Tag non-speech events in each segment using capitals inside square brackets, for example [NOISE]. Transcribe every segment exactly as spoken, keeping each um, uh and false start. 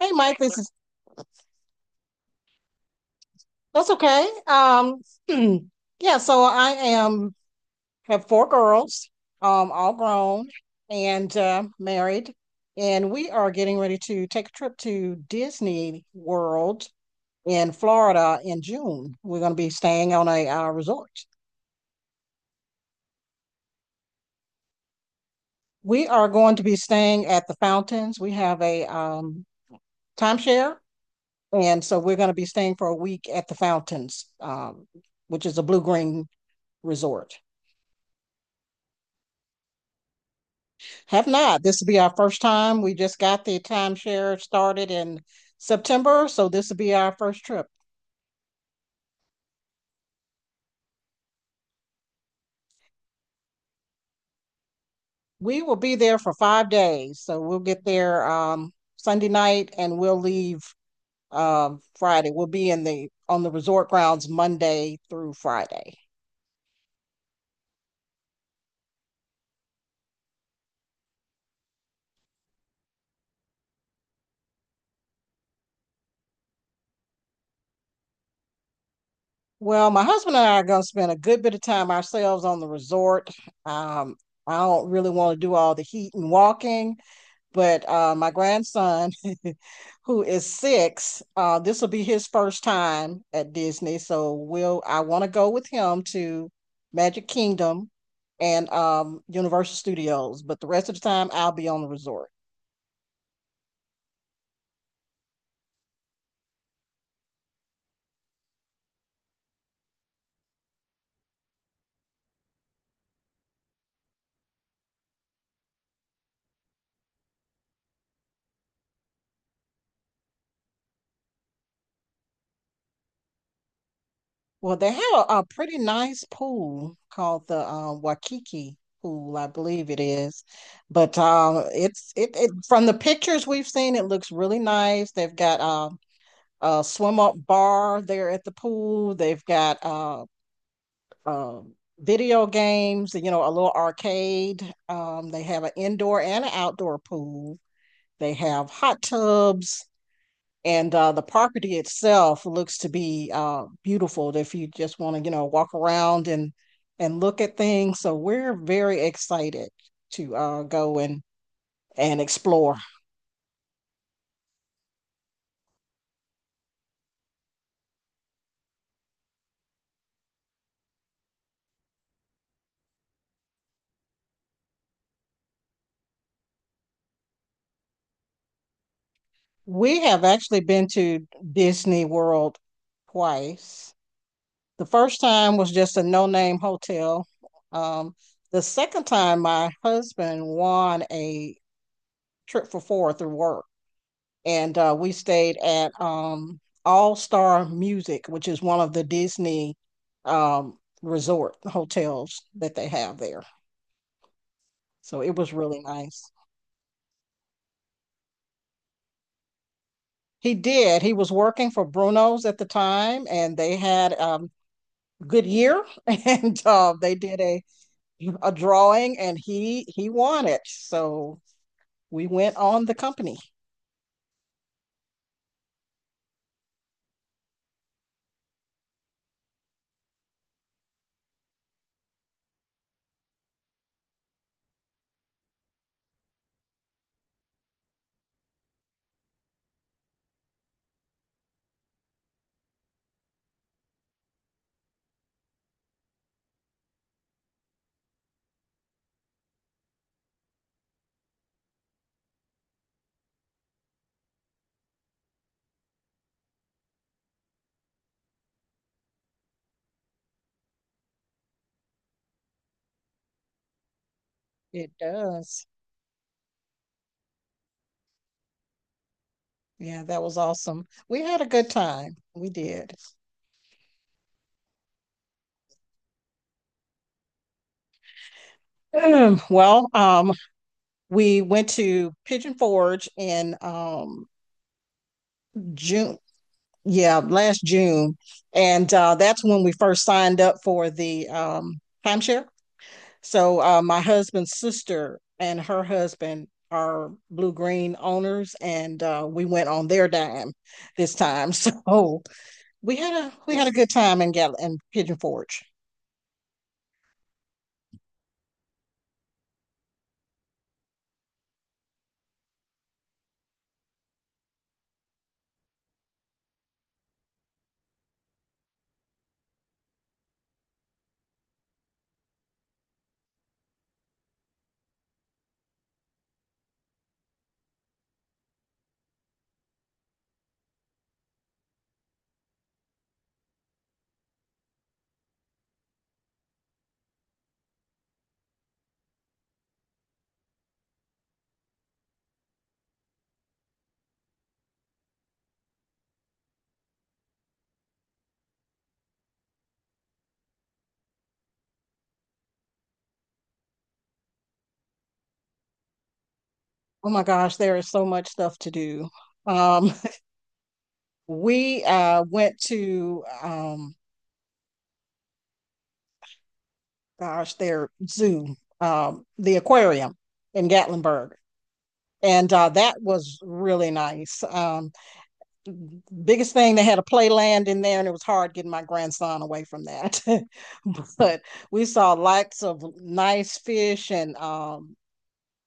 Hey, Mike. This is that's okay. Um, [CLEARS THROAT] yeah, so I am have four girls, um, all grown and uh, married, and we are getting ready to take a trip to Disney World in Florida in June. We're going to be staying on a uh, resort. We are going to be staying at the fountains. We have a um, timeshare, and so we're going to be staying for a week at the fountains, um, which is a blue green resort. Have not. This will be our first time. We just got the timeshare started in September, so this will be our first trip. We will be there for five days, so we'll get there um, Sunday night and we'll leave um, Friday. We'll be in the on the resort grounds Monday through Friday. Well, my husband and I are going to spend a good bit of time ourselves on the resort. Um, I don't really want to do all the heat and walking, But uh, my grandson, [LAUGHS] who is six, uh, this will be his first time at Disney. So we'll I want to go with him to Magic Kingdom and um, Universal Studios, but the rest of the time I'll be on the resort. Well, they have a, a pretty nice pool called the um, Waikiki pool, I believe it is. But um, it's it, it from the pictures we've seen, it looks really nice. They've got uh, uh, swim up bar there at the pool. They've got uh, uh, video games, you know, a little arcade. Um, they have an indoor and an outdoor pool. They have hot tubs, and uh, the property itself looks to be uh, beautiful if you just want to, you know, walk around and and look at things. So we're very excited to uh, go and and explore. We have actually been to Disney World twice. The first time was just a no-name hotel. Um, the second time, my husband won a trip for four through work, and uh, we stayed at um, All Star Music, which is one of the Disney um, resort hotels that they have there. So it was really nice. He did. He was working for Bruno's at the time, and they had um, good year, [LAUGHS] and uh, they did a a drawing, and he he won it. So we went on the company. It does. Yeah, that was awesome. We had a good time. We did. [CLEARS THROAT] Um, well, um, we went to Pigeon Forge in um, June. Yeah, last June, and uh, that's when we first signed up for the um, timeshare. So uh, my husband's sister and her husband are blue green owners, and uh, we went on their dime this time. [LAUGHS] So we had a we had a good time in Gal in Pigeon Forge. Oh my gosh, there is so much stuff to do. Um, [LAUGHS] we uh went to um gosh, their zoo, um, the aquarium in Gatlinburg, and uh, that was really nice. Um, biggest thing they had a playland in there and it was hard getting my grandson away from that [LAUGHS] but we saw lots of nice fish and um,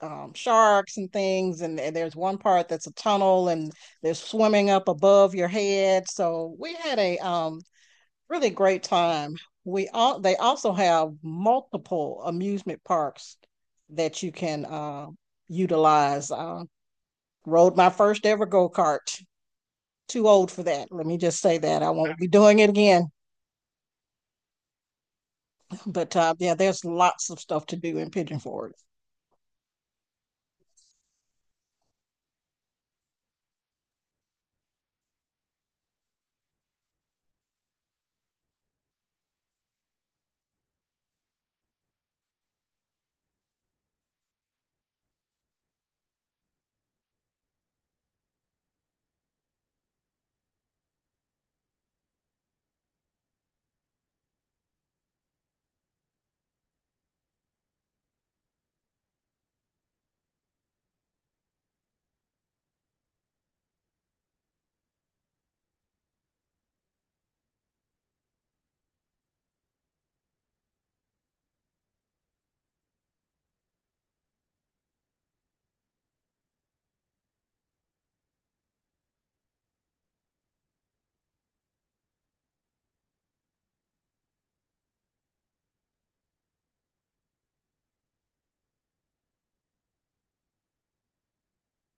um, sharks and things and, and there's one part that's a tunnel and they're swimming up above your head so we had a um, really great time we all they also have multiple amusement parks that you can uh, utilize uh, rode my first ever go-kart too old for that. Let me just say that. I won't be doing it again. But uh, yeah, there's lots of stuff to do in Pigeon Forge.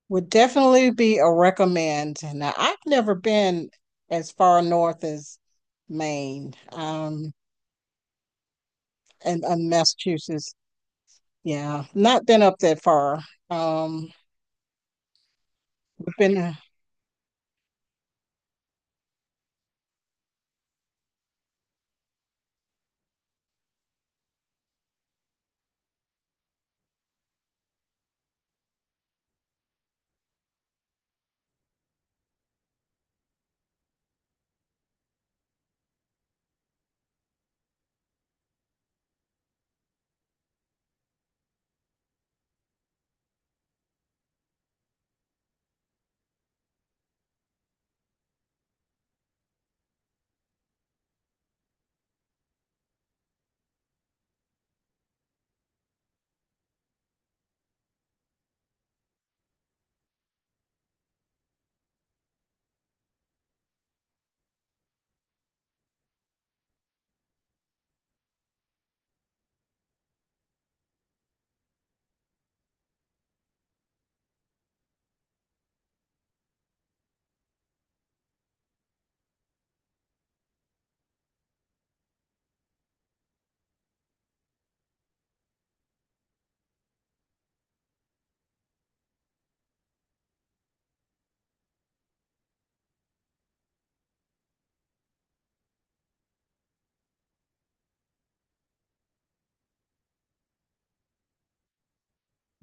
Would definitely be a recommend. Now, I've never been as far north as Maine um, and, and Massachusetts. Yeah, not been up that far. Um, been uh,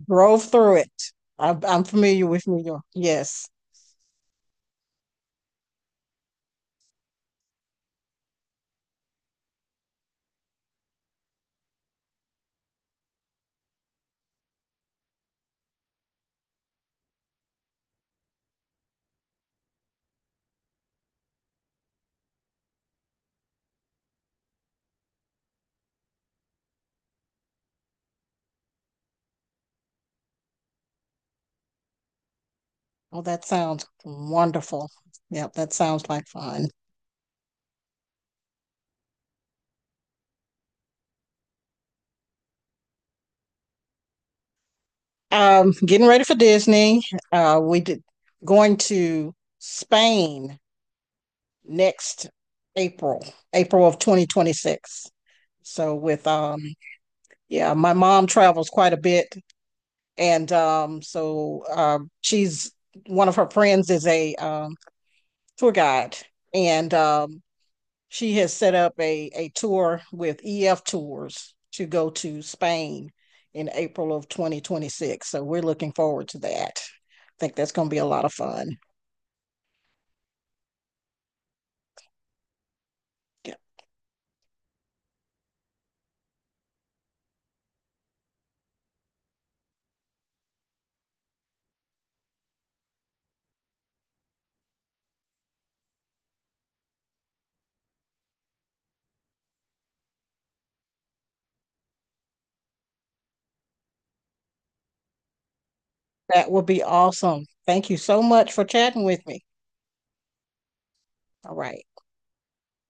drove through it. I, I'm familiar with New York. Yes. Oh, that sounds wonderful. Yep, that sounds like fun. um, getting ready for Disney. Uh, we did going to Spain next April, April of twenty twenty-six. So with um, yeah, my mom travels quite a bit, and um, so um, she's one of her friends is a um, tour guide, and um, she has set up a, a tour with E F Tours to go to Spain in April of twenty twenty-six. So we're looking forward to that. I think that's going to be a lot of fun. That would be awesome. Thank you so much for chatting with me. All right.